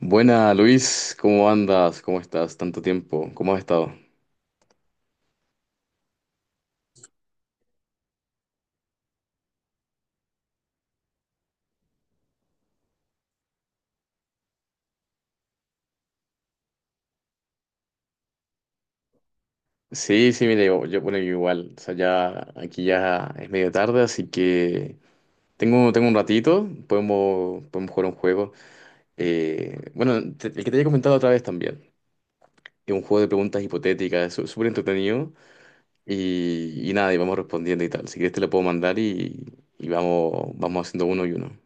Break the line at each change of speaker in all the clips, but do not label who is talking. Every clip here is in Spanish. Buena, Luis, ¿cómo andas? ¿Cómo estás? Tanto tiempo, ¿cómo has estado? Sí, sí, mire, yo bueno, yo igual, o sea, ya aquí ya es medio tarde, así que tengo un ratito, podemos jugar un juego. Bueno, el que te había comentado otra vez también, es un juego de preguntas hipotéticas, es súper entretenido y nada, y vamos respondiendo y tal. Si quieres te lo puedo mandar y vamos haciendo uno y uno.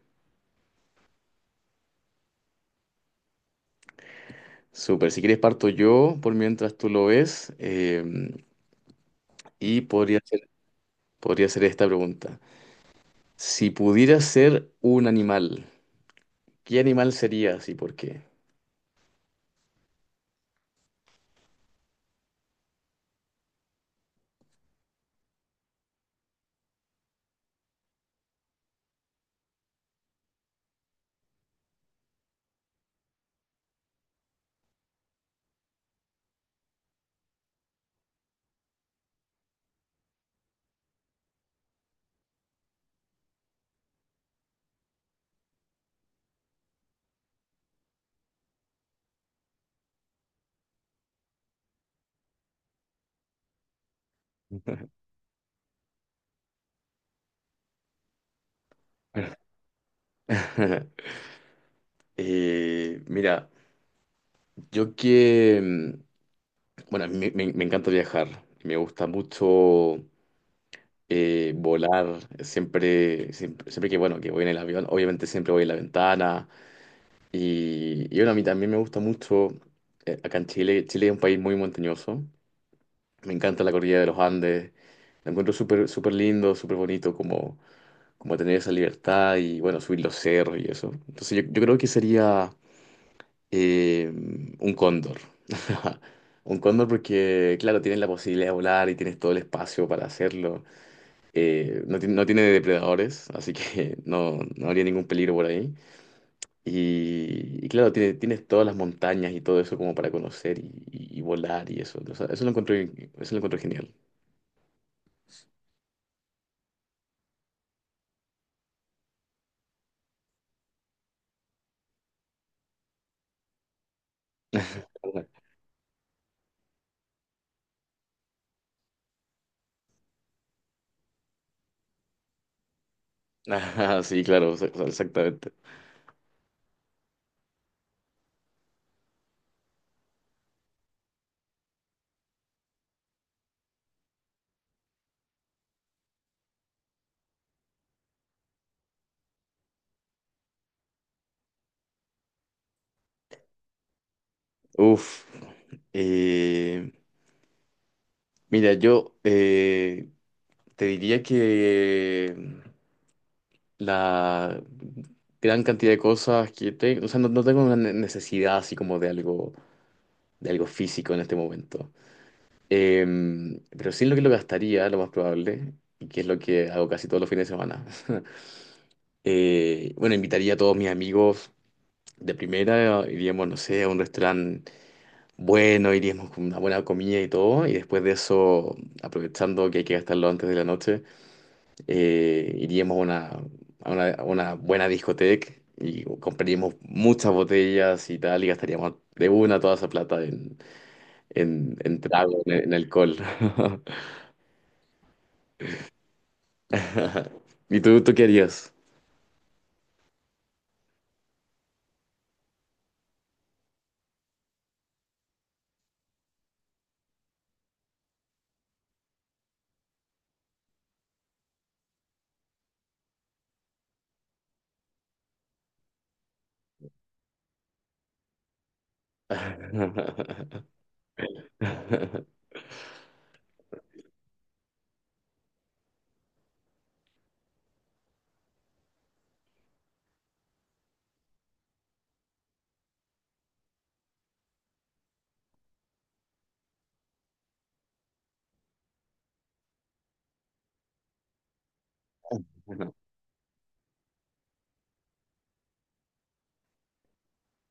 Súper, si quieres parto yo por mientras tú lo ves y podría. Podría ser esta pregunta. Si pudieras ser un animal, ¿qué animal serías y por qué? Mira, yo que, mm, bueno, me encanta viajar, me gusta mucho volar, siempre, siempre, siempre que, bueno, que voy en el avión, obviamente siempre voy en la ventana y bueno, a mí también me gusta mucho, acá en Chile, Chile es un país muy montañoso, me encanta la cordillera de los Andes, lo encuentro súper, súper lindo, súper bonito, como tener esa libertad y bueno, subir los cerros y eso. Entonces yo creo que sería eh, un cóndor. Un cóndor porque, claro, tienes la posibilidad de volar y tienes todo el espacio para hacerlo. No, no tiene depredadores, así que no, no habría ningún peligro por ahí. Y claro, tienes todas las montañas y todo eso como para conocer y volar y eso. O sea, eso lo encuentro genial. Ah, sí, claro, o sea, exactamente. Uf. Eh, Mira, yo te diría que la gran cantidad de cosas que tengo, o sea, no, no tengo una necesidad así como de algo, físico en este momento. Pero sí en lo que lo gastaría, lo más probable, y que es lo que hago casi todos los fines de semana. Bueno, invitaría a todos mis amigos de primera, iríamos, no sé, a un restaurante bueno, iríamos con una buena comida y todo, y después de eso, aprovechando que hay que gastarlo antes de la noche. Iríamos a una, a una buena discoteca y compraríamos muchas botellas y tal, y gastaríamos de una toda esa plata en trago, en alcohol. ¿Y tú qué harías?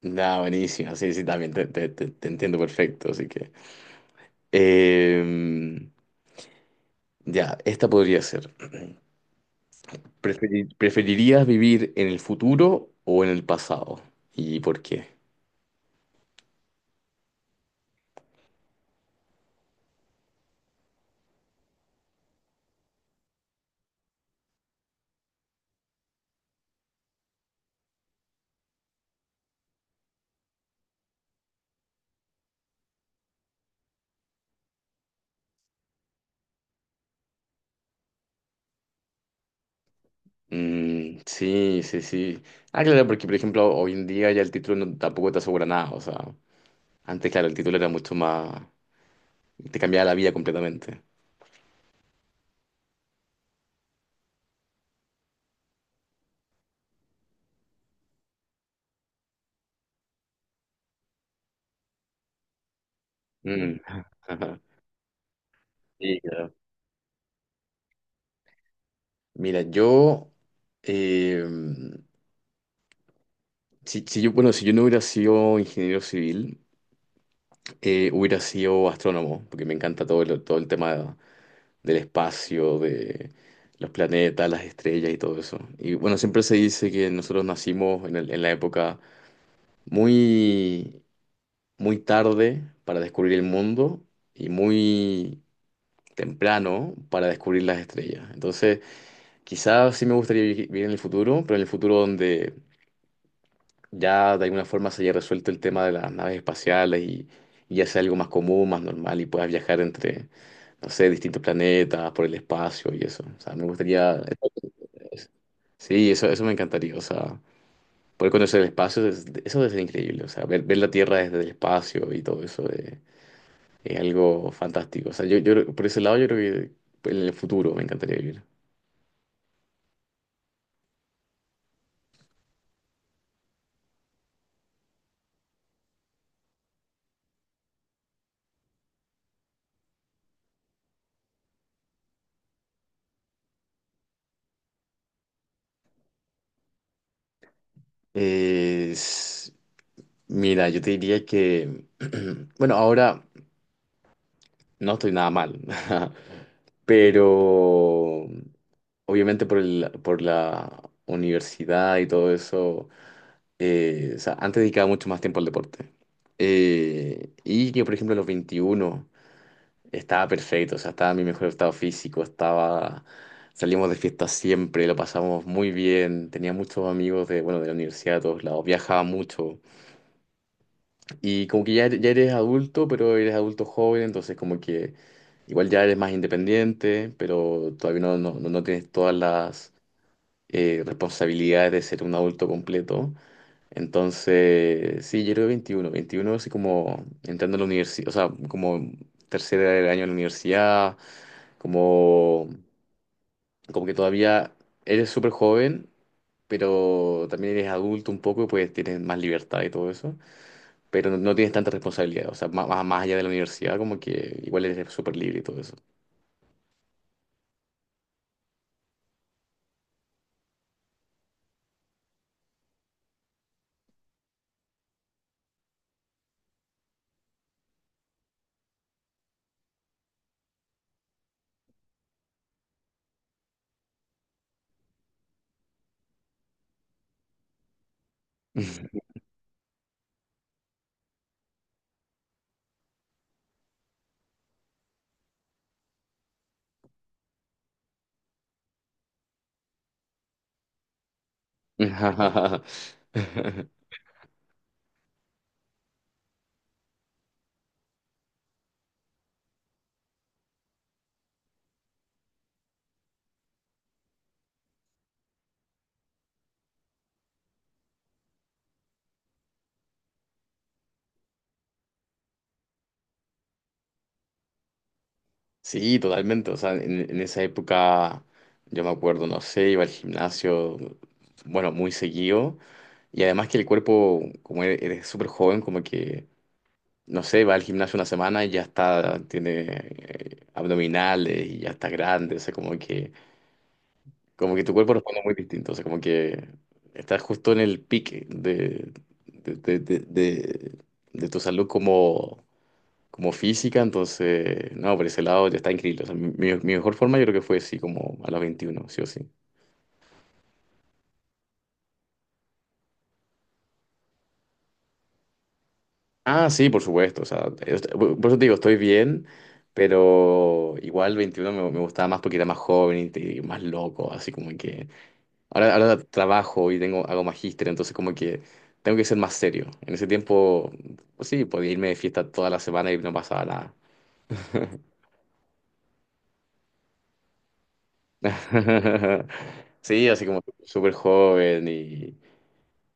Nada, buenísimo. Sí, sí, también te entiendo perfecto. Así que. em, ya, esta podría ser. ¿Preferirías vivir en el futuro o en el pasado? ¿Y por qué? Mm, sí, sí, sí. Ah, claro, porque por ejemplo hoy en día ya el título tampoco te asegura nada. O sea, antes, claro, el título era mucho más. Te cambiaba la vida completamente. Mm. Sí, claro. Mira, eh, si bueno, si yo no hubiera sido ingeniero civil, hubiera sido astrónomo, porque me encanta todo el tema del espacio, de los planetas, las estrellas y todo eso. Y bueno, siempre se dice que nosotros nacimos en la época muy, muy tarde para descubrir el mundo y muy temprano para descubrir las estrellas. Entonces, quizás sí me gustaría vivir en el futuro, pero en el futuro donde ya de alguna forma se haya resuelto el tema de las naves espaciales y ya sea algo más común, más normal y puedas viajar entre, no sé, distintos planetas, por el espacio y eso. O sea, me gustaría. Sí, eso me encantaría. O sea, poder conocer el espacio, eso debe ser increíble. O sea, ver la Tierra desde el espacio y todo eso es algo fantástico. O sea, por ese lado yo creo que pues, en el futuro me encantaría vivir. Es- Mira, yo te diría que, bueno, ahora no estoy nada mal, pero obviamente por la universidad y todo eso, o sea, antes dedicaba mucho más tiempo al deporte. Y que, por ejemplo, a los 21 estaba perfecto, o sea, estaba en mi mejor estado físico, estaba. Salimos de fiesta siempre, lo pasamos muy bien, tenía muchos amigos de, bueno, de la universidad, de todos lados, viajaba mucho. Y como que ya, ya eres adulto, pero eres adulto joven, entonces como que igual ya eres más independiente, pero todavía no tienes todas las responsabilidades de ser un adulto completo. Entonces, sí, yo era 21 21 así como entrando a la universidad, o sea, como tercer año de la universidad como, como que todavía eres súper joven, pero también eres adulto un poco y pues tienes más libertad y todo eso, pero no, no tienes tanta responsabilidad, o sea, más allá de la universidad, como que igual eres súper libre y todo eso. Sí, totalmente. O sea, en esa época yo me acuerdo, no sé, iba al gimnasio, bueno, muy seguido. Y además que el cuerpo, como eres súper joven, como que no sé, va al gimnasio una semana y ya está, tiene abdominales y ya está grande, o sea, como que, tu cuerpo responde muy distinto, o sea, como que estás justo en el pique de, de, de, de- de tu salud como física, entonces, no, por ese lado ya está increíble, o sea, mi mejor forma yo creo que fue así como a los 21 sí o sí. Ah, sí, por supuesto, o sea, por eso te digo, estoy bien. Pero igual 21 me gustaba más porque era más joven y más loco, así como que ahora trabajo y tengo, hago magíster, entonces como que tengo que ser más serio. En ese tiempo, pues sí, podía irme de fiesta toda la semana y no pasaba nada. Sí, así como súper joven y,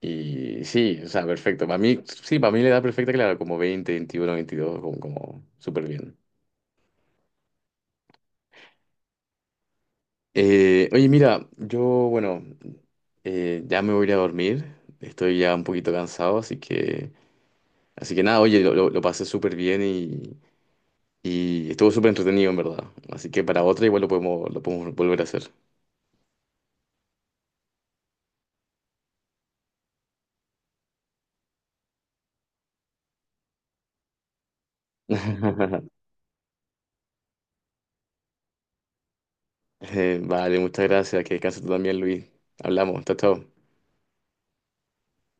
y sí, o sea, perfecto. Para mí, sí, para mí la edad perfecta, claro, como 20, 21, 22, como súper bien. Oye, mira, bueno, ya me voy a ir a dormir. Estoy ya un poquito cansado, así que nada, oye, lo pasé súper bien y estuvo súper entretenido, en verdad. Así que para otra igual lo podemos volver a hacer. Vale, muchas gracias. Que descanses tú también, Luis. Hablamos. Chao, chao.